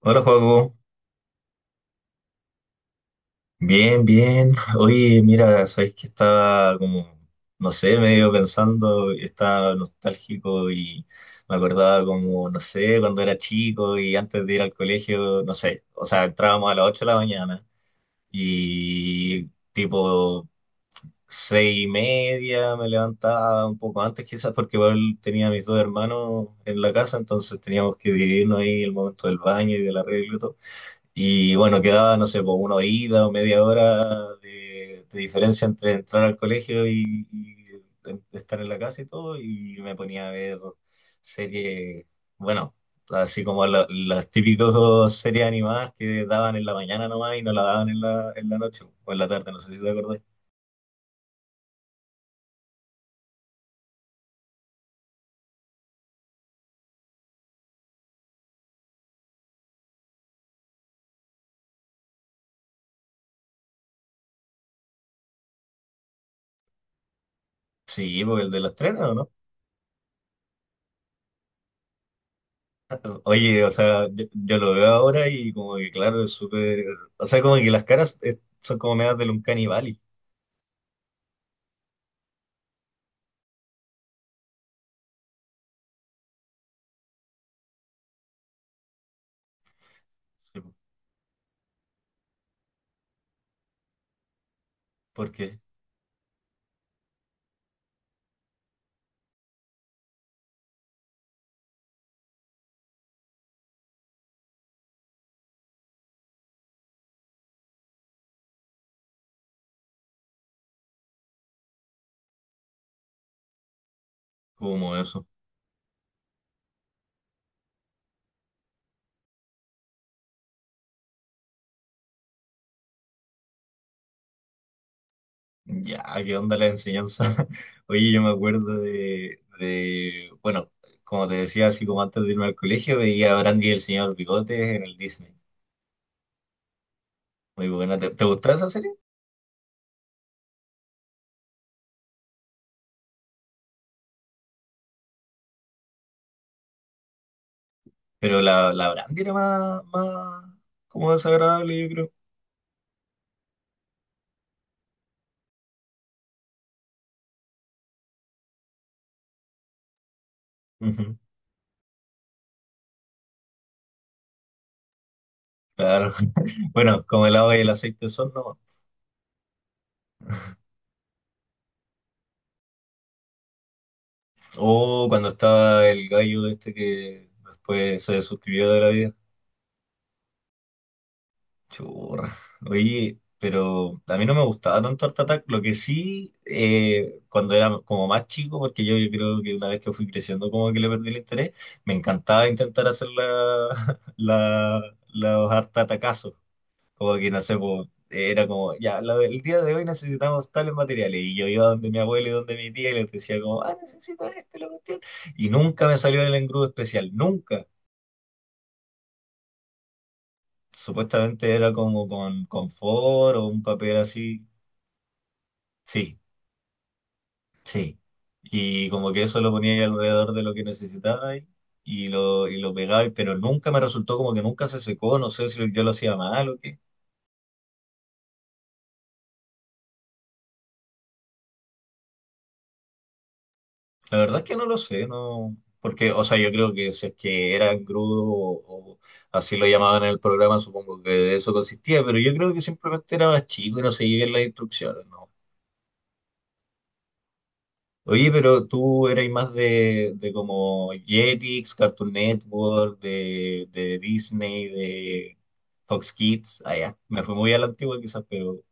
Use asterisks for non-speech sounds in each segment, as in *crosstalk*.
Hola, Joaco. Bien, bien. Oye, mira, sabéis que estaba no sé, medio pensando, estaba nostálgico y me acordaba no sé, cuando era chico y antes de ir al colegio, no sé, o sea, entrábamos a las 8 de la mañana y tipo 6:30. Me levantaba un poco antes quizás porque igual tenía a mis dos hermanos en la casa, entonces teníamos que dividirnos ahí el momento del baño y del arreglo y todo. Y bueno, quedaba, no sé, por una horita o media hora de diferencia entre entrar al colegio y estar en la casa y todo, y me ponía a ver series. Bueno, así como las típicas series animadas que daban en la mañana nomás y no la daban en la noche o en la tarde, no sé si te acordás. Sí, porque el de los trenes, ¿o no? *laughs* Oye, o sea, yo lo veo ahora y como que claro, es súper. O sea, como que las caras son como medias del Uncanny Valley, porque como eso. Ya, ¿qué onda la enseñanza? *laughs* Oye, yo me acuerdo bueno, como te decía, así como antes de irme al colegio, veía a Brandy y el señor Bigotes en el Disney. Muy buena. ¿Te gustaba esa serie? Pero la Brandy era más como desagradable, yo creo. Ujú. Claro. *laughs* Bueno, como el agua y el aceite son nomás. O cuando estaba el gallo este que después se suscribió de la vida. Churra. Oye, pero a mí no me gustaba tanto Art Attack. Lo que sí, cuando era como más chico, porque yo creo que una vez que fui creciendo, como que le perdí el interés, me encantaba intentar hacer *laughs* la, los Art Attackazos. Como que no sé, po, era como, ya, lo el día de hoy necesitamos tales materiales. Y yo iba donde mi abuelo y donde mi tía y les decía, como, ah, necesito este, lo cuestión. Y nunca me salió el engrudo especial, nunca. Supuestamente era como con confort o un papel así. Sí, sí. Y como que eso lo ponía ahí alrededor de lo que necesitaba y y lo pegaba, pero nunca me resultó, como que nunca se secó, no sé si yo lo hacía mal o qué. La verdad es que no lo sé, no. Porque, o sea, yo creo que si es que era engrudo o así lo llamaban en el programa, supongo que de eso consistía, pero yo creo que simplemente era más chico y no seguía bien las instrucciones, ¿no? Oye, pero tú erais más de como Jetix, Cartoon Network, de Disney, de Fox Kids. Ah, ya. Me fui muy a la antigua quizás, pero... *laughs*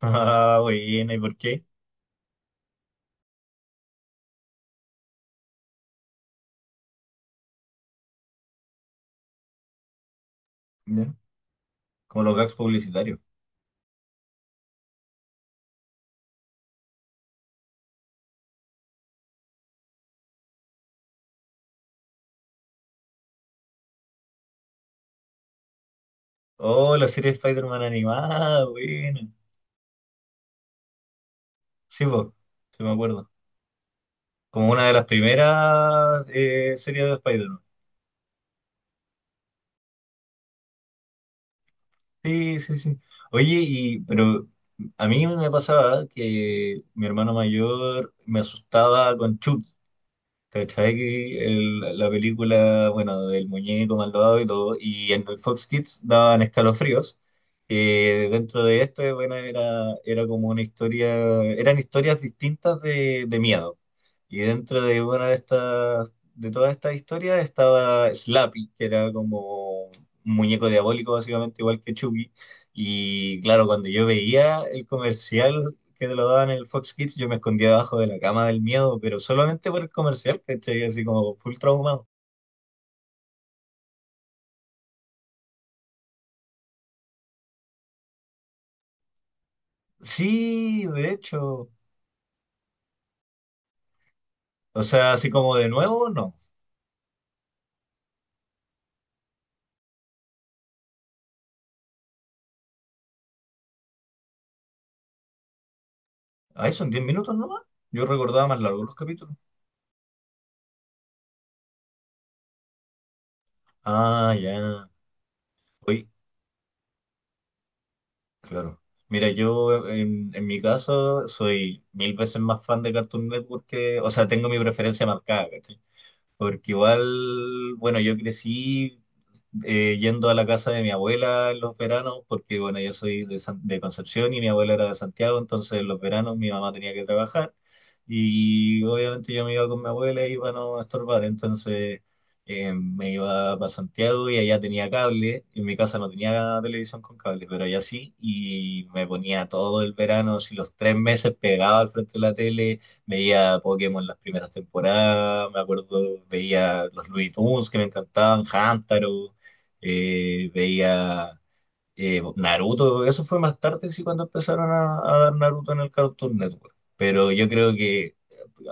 Ah, buena, ¿y por qué? Ya. Como los gags publicitarios. Oh, la serie de Spider-Man animada, buena. Sí, po, sí me acuerdo. Como una de las primeras series de Spider-Man. Sí, sí, sí. Oye, y, pero a mí me pasaba que mi hermano mayor me asustaba con Chucky. ¿Cachai? Que la película, bueno, del muñeco malvado y todo, y en el Fox Kids daban escalofríos. Dentro de este, bueno, era como una historia, eran historias distintas de miedo. Y dentro de una de estas, de todas estas historias estaba Slappy, que era como un muñeco diabólico, básicamente igual que Chucky. Y claro, cuando yo veía el comercial, que te lo daban en el Fox Kids, yo me escondía debajo de la cama del miedo, pero solamente por el comercial, ¿cachai? Así como full traumado. Sí, de hecho. O sea, así como de nuevo, no. Ahí son 10 minutos nomás. Yo recordaba más largo los capítulos. Ah, ya. Uy, claro. Mira, yo en mi caso soy mil veces más fan de Cartoon Network que... O sea, tengo mi preferencia marcada, ¿cachai? Porque igual, bueno, yo crecí yendo a la casa de mi abuela en los veranos, porque bueno, yo soy de, de Concepción y mi abuela era de Santiago, entonces en los veranos mi mamá tenía que trabajar y obviamente yo me iba con mi abuela y para no estorbar, entonces me iba para Santiago y allá tenía cable. En mi casa no tenía televisión con cable, pero allá sí, y me ponía todo el verano, si los tres meses pegado al frente de la tele. Veía Pokémon las primeras temporadas, me acuerdo, veía los Looney Tunes que me encantaban, Hamtaro, veía Naruto, eso fue más tarde, sí, cuando empezaron a dar Naruto en el Cartoon Network. Pero yo creo que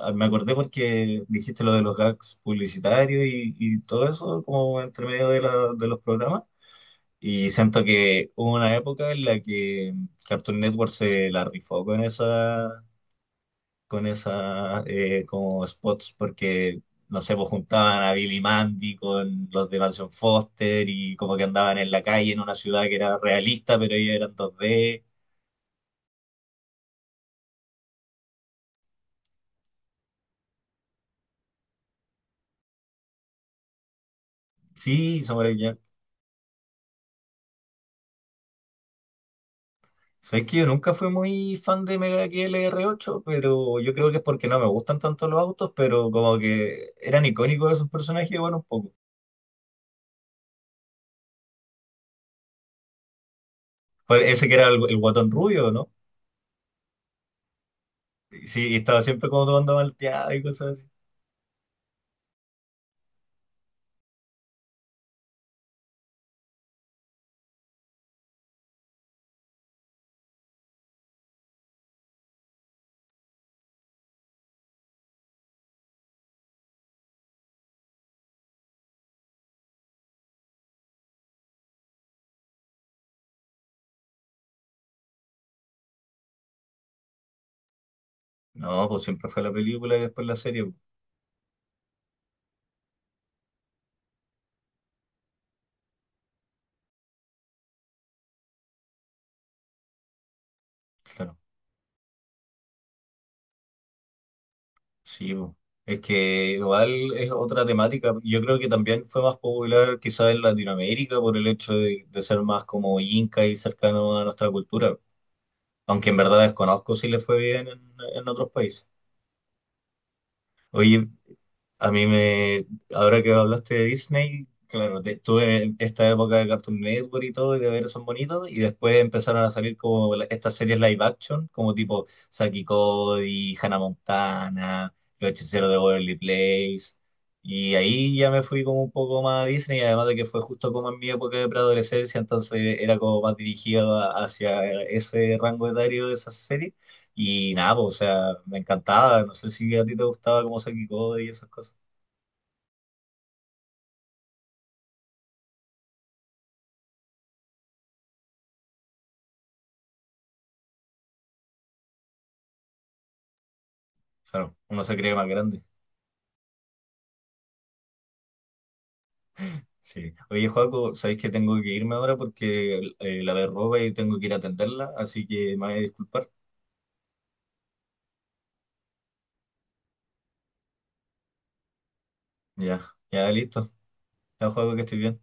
ah, me acordé porque dijiste lo de los gags publicitarios y todo eso, como entre medio de, de los programas. Y siento que hubo una época en la que Cartoon Network se la rifó con esas como spots porque, no sé, pues juntaban a Billy Mandy con los de Mansión Foster y como que andaban en la calle en una ciudad que era realista, pero ellos eran 2D. Sí, Samurai Jack. Sabes que yo nunca fui muy fan de Mega X L r 8, pero yo creo que es porque no me gustan tanto los autos, pero como que eran icónicos esos personajes, bueno, un poco. Fue ese que era el guatón rubio, ¿no? Y sí, y estaba siempre como tomando malteada y cosas así. No, pues siempre fue la película y después la serie, pues, claro. Sí, po. Es que igual es otra temática. Yo creo que también fue más popular quizás en Latinoamérica por el hecho de ser más como inca y cercano a nuestra cultura. Aunque en verdad desconozco si le fue bien en otros países. Oye, a mí me, ahora que hablaste de Disney, claro, tuve esta época de Cartoon Network y todo, y de ver esos bonitos, y después empezaron a salir como estas series live action, como tipo Saki y Cody, Hannah Montana, Los Hechiceros de Waverly Place, y ahí ya me fui como un poco más a Disney, además de que fue justo como en mi época de preadolescencia, entonces era como más dirigido hacia ese rango etario de esas series, y nada, pues, o sea, me encantaba, no sé si a ti te gustaba como Saki y Cody y esas cosas. Claro, uno se cree más grande. Sí. Oye, Joaco, sabéis que tengo que irme ahora porque la derroba y tengo que ir a atenderla, así que me voy a disculpar. Ya, ya, listo. Ya, Joaco, que estoy bien.